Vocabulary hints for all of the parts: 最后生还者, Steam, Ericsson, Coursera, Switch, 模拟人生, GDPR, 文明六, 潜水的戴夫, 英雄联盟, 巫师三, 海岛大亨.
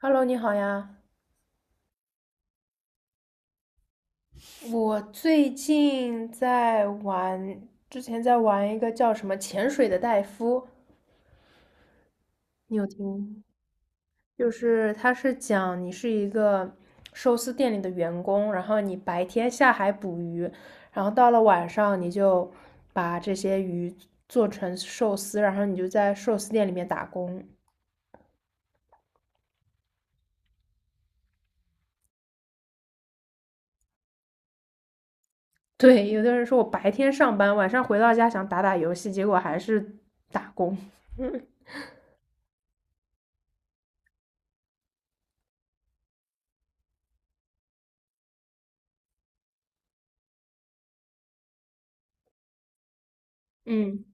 Hello，你好呀。我最近在玩，之前在玩一个叫什么《潜水的戴夫》，你有听？就是他是讲你是一个寿司店里的员工，然后你白天下海捕鱼，然后到了晚上你就把这些鱼做成寿司，然后你就在寿司店里面打工。对，有的人说我白天上班，晚上回到家想打打游戏，结果还是打工。嗯。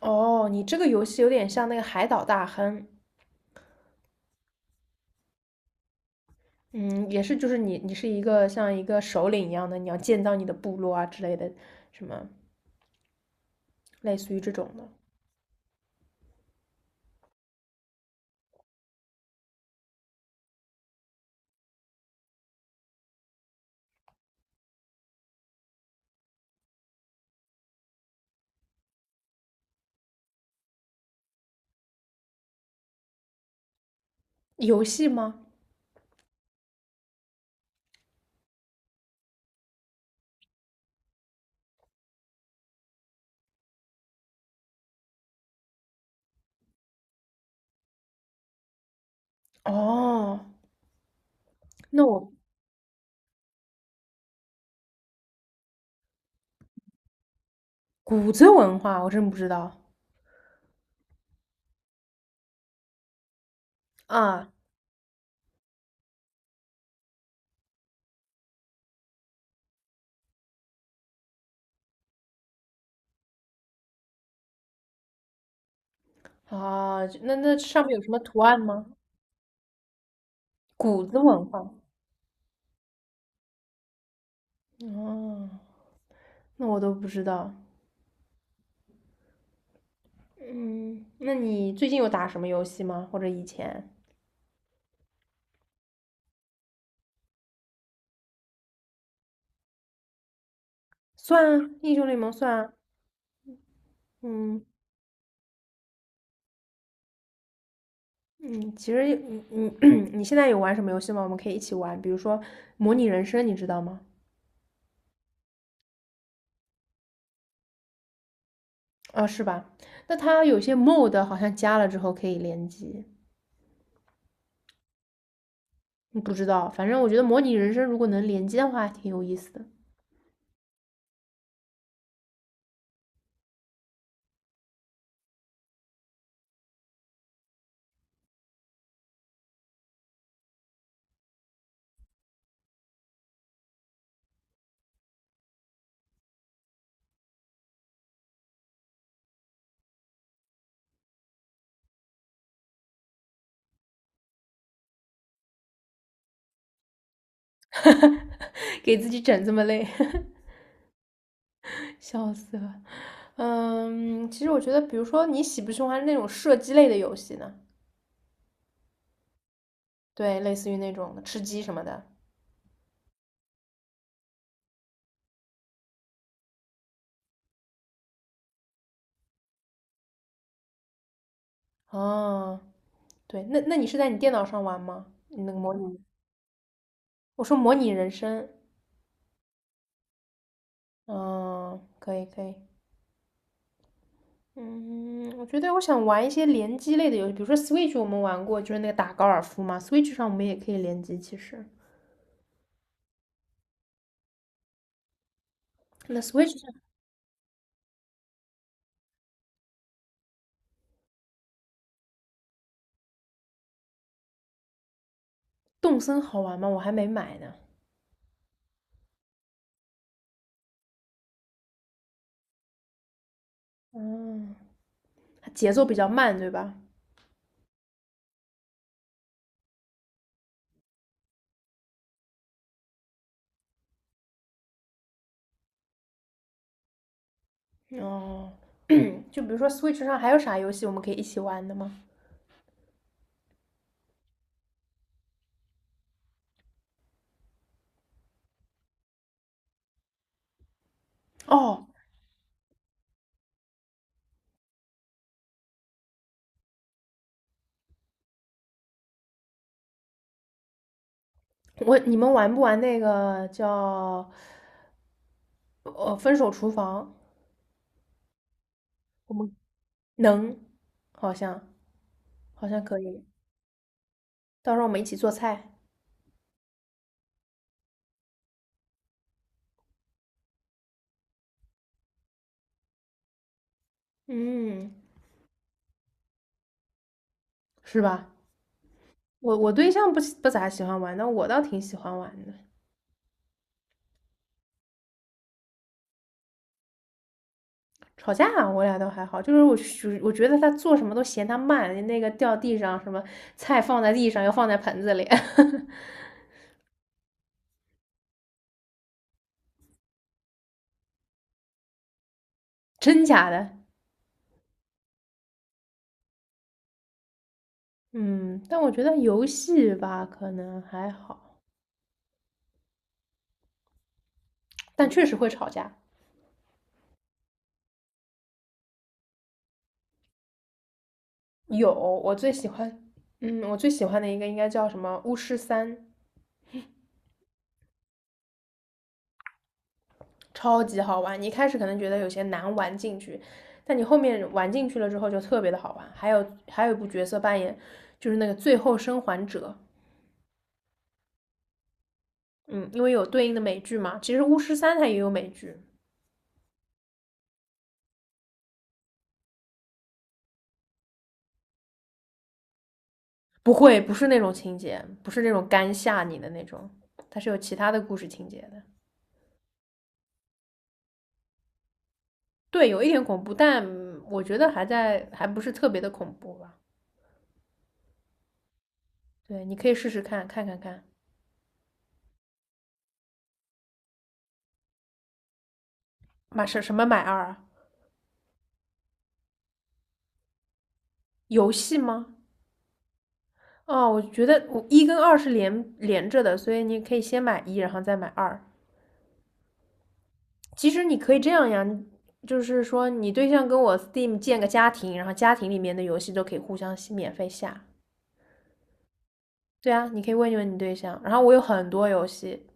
哦，你这个游戏有点像那个海岛大亨，嗯，也是，就是你是一个像一个首领一样的，你要建造你的部落啊之类的，什么类似于这种的游戏吗？哦，那我谷子文化我真不知道啊啊，那上面有什么图案吗？谷子文化哦，那我都不知道。嗯，那你最近有打什么游戏吗？或者以前？算啊，英雄联盟算啊。嗯，嗯，其实你现在有玩什么游戏吗？我们可以一起玩，比如说模拟人生，你知道吗？啊，是吧？那它有些 mod 好像加了之后可以联机，嗯不知道。反正我觉得模拟人生如果能联机的话，还挺有意思的。给自己整这么累，笑死了。嗯，其实我觉得，比如说你喜不喜欢那种射击类的游戏呢？对，类似于那种的吃鸡什么的。哦，对，那你是在你电脑上玩吗？你那个模拟？我说模拟人生，嗯，可以可以，嗯，我觉得我想玩一些联机类的游戏，比如说 Switch 我们玩过，就是那个打高尔夫嘛，Switch 上我们也可以联机，其实。那 Switch 上动森好玩吗？我还没买呢。嗯，它节奏比较慢，对吧？哦，就比如说 Switch 上还有啥游戏我们可以一起玩的吗？哦，我你们玩不玩那个叫分手厨房？我们能，好像好像可以。到时候我们一起做菜，嗯，是吧？我对象不咋喜欢玩，但我倒挺喜欢玩的。吵架我俩倒还好，就是我觉得他做什么都嫌他慢，那个掉地上，什么菜放在地上要放在盆子里，真假的？嗯，但我觉得游戏吧可能还好，但确实会吵架。有，我最喜欢，我最喜欢的一个应该叫什么《巫师三》，超级好玩。你一开始可能觉得有些难玩进去，但你后面玩进去了之后就特别的好玩。还有一部角色扮演，就是那个《最后生还者》，嗯，因为有对应的美剧嘛。其实《巫师三》它也有美剧，不会不是那种情节，不是那种干吓你的那种，它是有其他的故事情节的。对，有一点恐怖，但我觉得还在，还不是特别的恐怖吧。对，你可以试试看看看看，买什么买二啊？游戏吗？哦，我觉得我一跟二是连着的，所以你可以先买一，然后再买二。其实你可以这样呀，就是说你对象跟我 Steam 建个家庭，然后家庭里面的游戏都可以互相免费下。对啊，你可以问一问你对象。然后我有很多游戏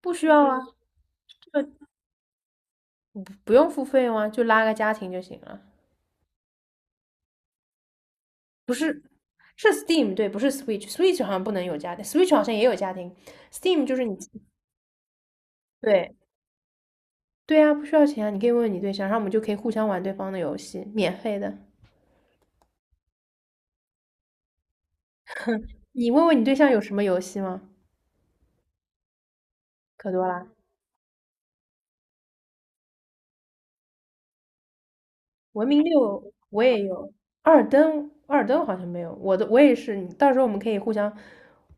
不需要啊，不用付费用啊，就拉个家庭就行了。不是，是 Steam 对，不是 Switch，Switch 好像不能有家庭，Switch 好像也有家庭，Steam 就是你对对啊，不需要钱啊，你可以问问你对象，然后我们就可以互相玩对方的游戏，免费的。你问问你对象有什么游戏吗？可多啦，文明六我也有，二登好像没有，我也是，你到时候我们可以互相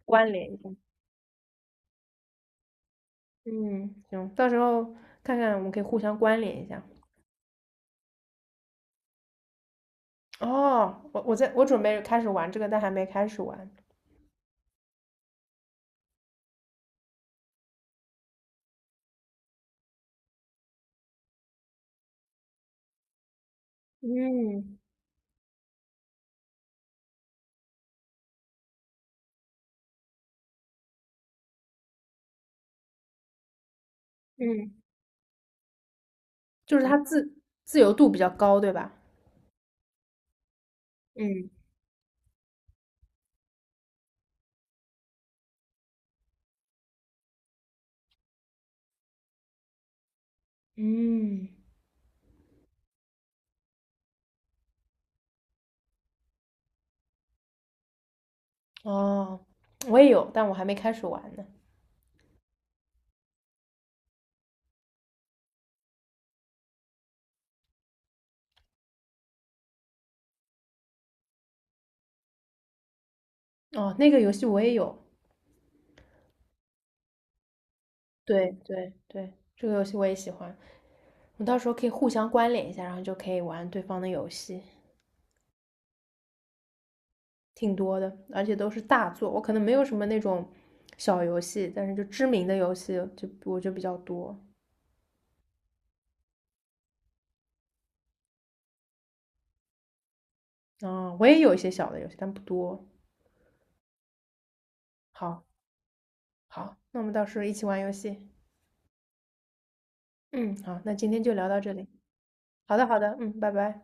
关联一下。嗯，行，到时候看看我们可以互相关联一下。哦，我准备开始玩这个，但还没开始玩。嗯嗯，就是它自由度比较高，对吧？嗯嗯，哦，我也有，但我还没开始玩呢。哦，那个游戏我也有，对对对，这个游戏我也喜欢。我到时候可以互相关联一下，然后就可以玩对方的游戏，挺多的，而且都是大作。我可能没有什么那种小游戏，但是就知名的游戏就我就比较多。啊，我也有一些小的游戏，但不多。好，好，那我们到时候一起玩游戏。嗯，好，那今天就聊到这里。好的，好的，嗯，拜拜。